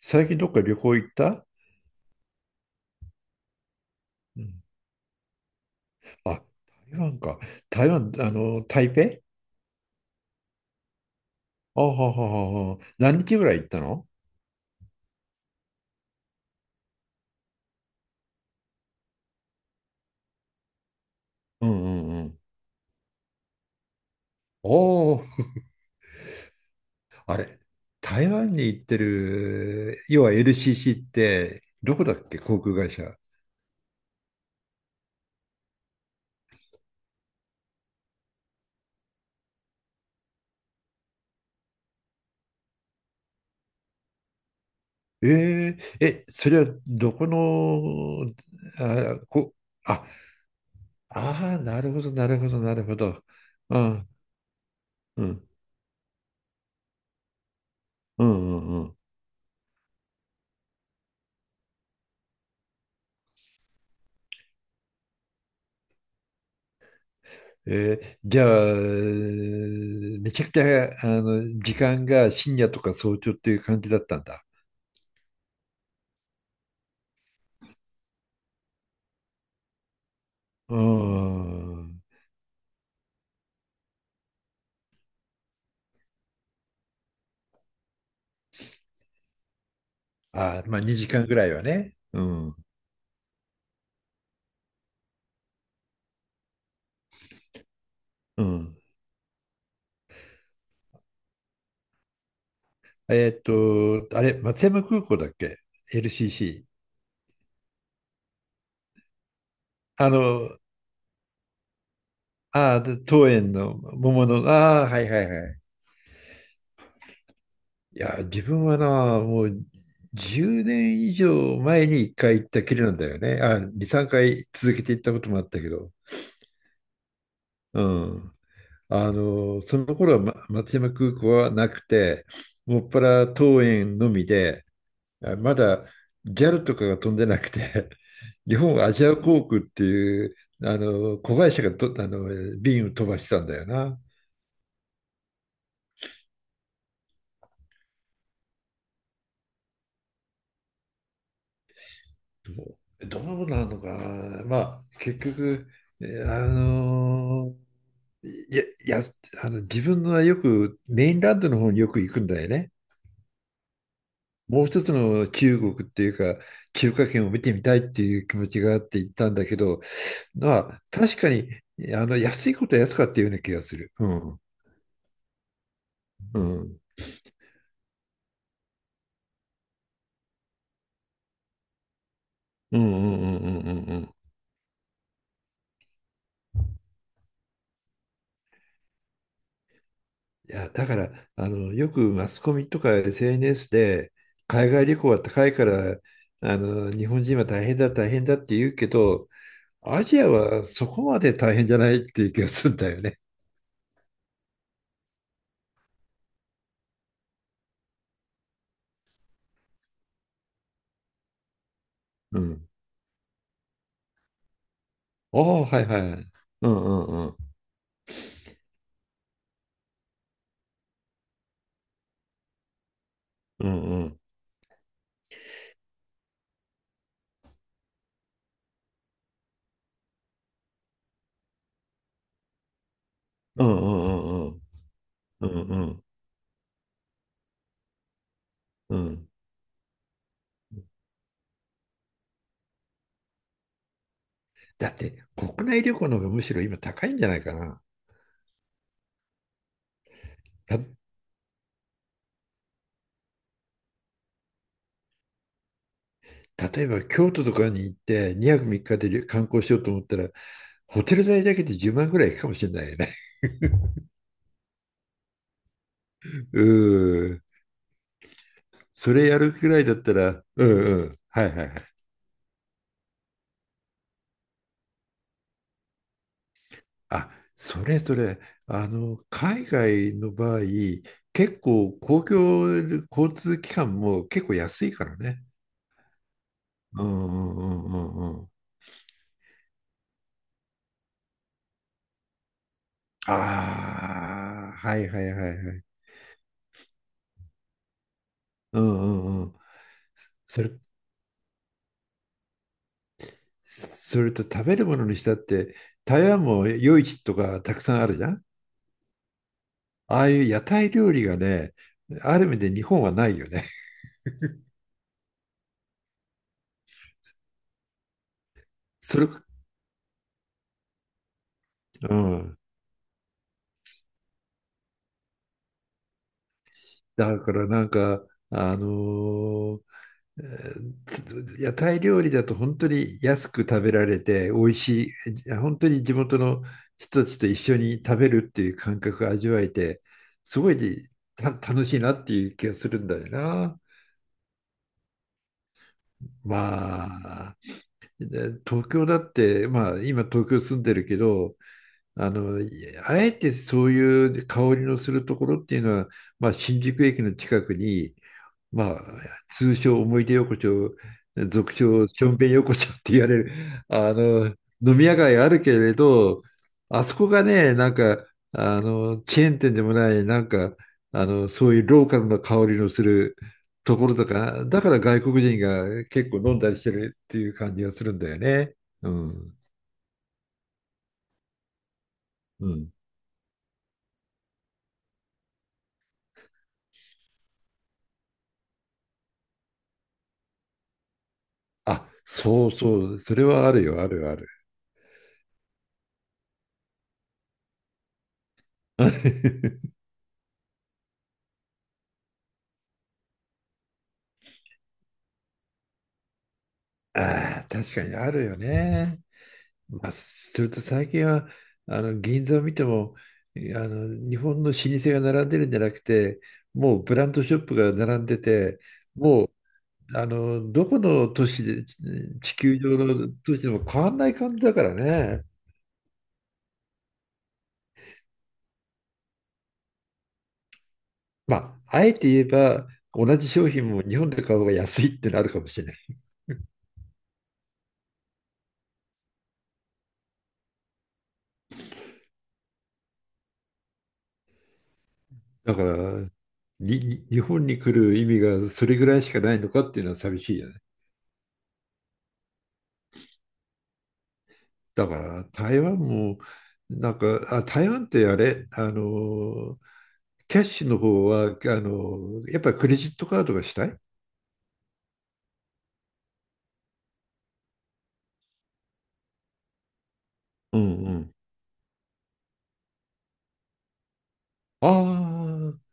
最近どっか旅行行った？うん。あ、台湾か。台湾、台北。あはははは。何日ぐらい行ったの？うんうんうん。おお、あれ、台湾に行ってる、要は LCC って、どこだっけ、航空会社。ええ、それはどこの？あ、あ、あー、なるほど、なるほど、なるほど。うん、うん、うん、うん。じゃあ、めちゃくちゃ、時間が深夜とか早朝っていう感じだったんだ。うーん。あー、まあ、2時間ぐらいはね。うん。うん。えっと、あれ、松山空港だっけ？ LCC。あの、あー、桃園の桃の、ああ、はいはいはい。いや、自分はな、もう10年以上前に1回行ったきりなんだよね。あ、2、3回続けて行ったこともあったけど。うん。その頃は、ま、松山空港はなくて、もっぱら桃園のみで、あまだギャルとかが飛んでなくて、日本アジア航空っていう子会社がと便を飛ばしてたんだよな。どどうなのかな。まあ結局、えあのいや、や自分はよくメインランドの方によく行くんだよね。もう一つの中国っていうか、中華圏を見てみたいっていう気持ちがあって行ったんだけど、まあ、確かに、安いことは安かったような気がする。うん。うん。うんうんうんうんうんうん。いや、だから、よくマスコミとか SNS で、海外旅行は高いから、日本人は大変だ、大変だって言うけど、アジアはそこまで大変じゃないっていう気がするんだよね。うん。ああ、はいはい。うんうんうん。うんうん。うんうんうんうん。うんうんうん。だって国内旅行の方がむしろ今高いんじゃないかな。た、例えば京都とかに行って2泊3日で旅観光しようと思ったら、ホテル代だけで10万ぐらいいくかもしれないよね。うーん。それやるくらいだったら、うんうん。はいはいはい。あ、それそれ、海外の場合、結構公共交通機関も結構安いからね。うんうんうんうんうん。ああ、はいはいはいはい。うんうんうん。それ、それと食べるものにしたって、台湾も夜市とかたくさんあるじゃん。ああいう屋台料理がね、ある意味で日本はないよね。それ、うん。だからなんか、あのーえー屋台料理だと本当に安く食べられて美味しい、本当に地元の人たちと一緒に食べるっていう感覚を味わえて、すごい楽しいなっていう気がするんだよな。まあ、東京だって、まあ、今東京住んでるけど、あの、あえてそういう香りのするところっていうのは、まあ、新宿駅の近くに、まあ、通称思い出横丁、俗称しょんべん横丁って言われる、あの、飲み屋街あるけれど、あそこがね、なんか、チェーン店でもない、なんか、そういうローカルな香りのするところとか、だから外国人が結構飲んだりしてるっていう感じがするんだよね。うん。うん。あ、そうそう、それはあるよ、あるある。ああ、確かにあるよね。まあ、それと最近は銀座を見ても日本の老舗が並んでるんじゃなくてもうブランドショップが並んでてもうあのどこの都市で地球上の都市でも変わんない感じだからね。まあ、あえて言えば同じ商品も日本で買う方が安いってなるかもしれない。だからに日本に来る意味がそれぐらいしかないのかっていうのは寂しいよね。だから台湾もなんか台湾ってあれあのキャッシュの方はやっぱりクレジットカードがしたい。うんうん。ああ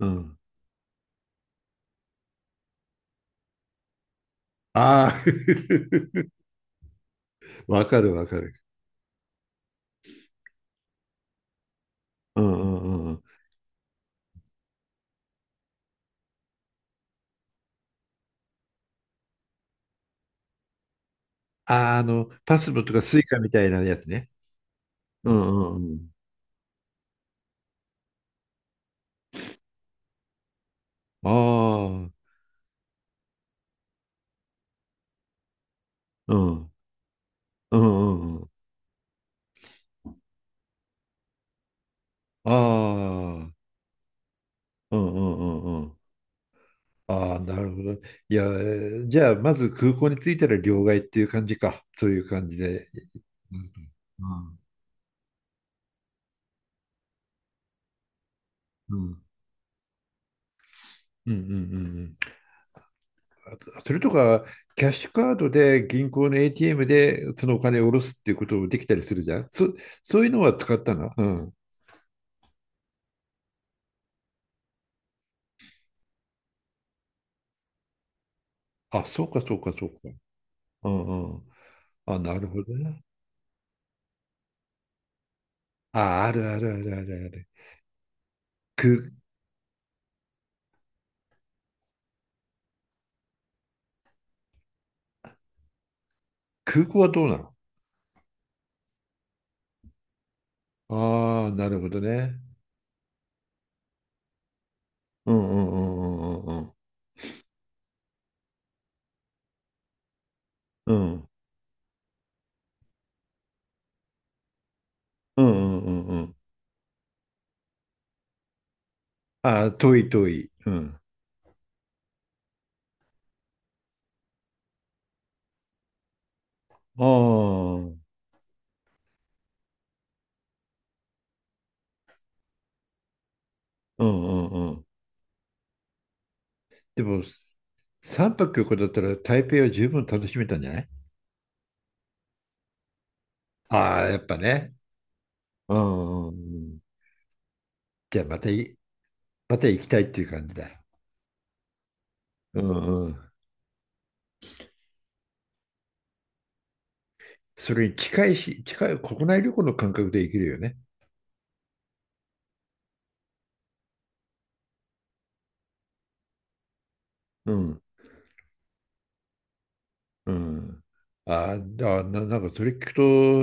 うんああ わかるわかるうんうんうん。パスモとかスイカみたいなやつね。うんうんうんああうん。うんうんうん。ああうんうんうんうん。ああ、なるほど。いや、じゃあ、まず空港に着いたら両替っていう感じか。そういう感じで。うん。うんうんうんうんうん。あ、それとか、キャッシュカードで銀行の ATM でそのお金を下ろすっていうこともできたりするじゃん。そういうのは使ったな。うん。あ、そうかそうかそうか。うんうん。あ、なるほどね。あ、あるあるあるあるある。空、空港はどうなの？ああー、なるほどね。うんうんうんうんうんうん。うんうんうんうんうん。あ、遠い遠い。うん。ああ、うんうんうん。でも、三泊旅行だったら台北は十分楽しめたんじゃない？ああ、やっぱね。うんうんうん。じゃあまたい、また行きたいっていう感じだ。うん。うん。それに近いし、近い国内旅行の感覚で行けるよね。うん。うん。ああ、なんかそれ聞くと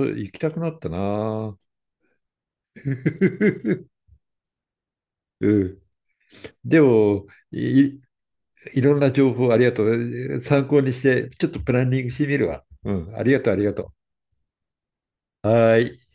行きたくなったな。うん。でも、いいろんな情報ありがとう。参考にして、ちょっとプランニングしてみるわ。うん、ありがとう、ありがとう。はい。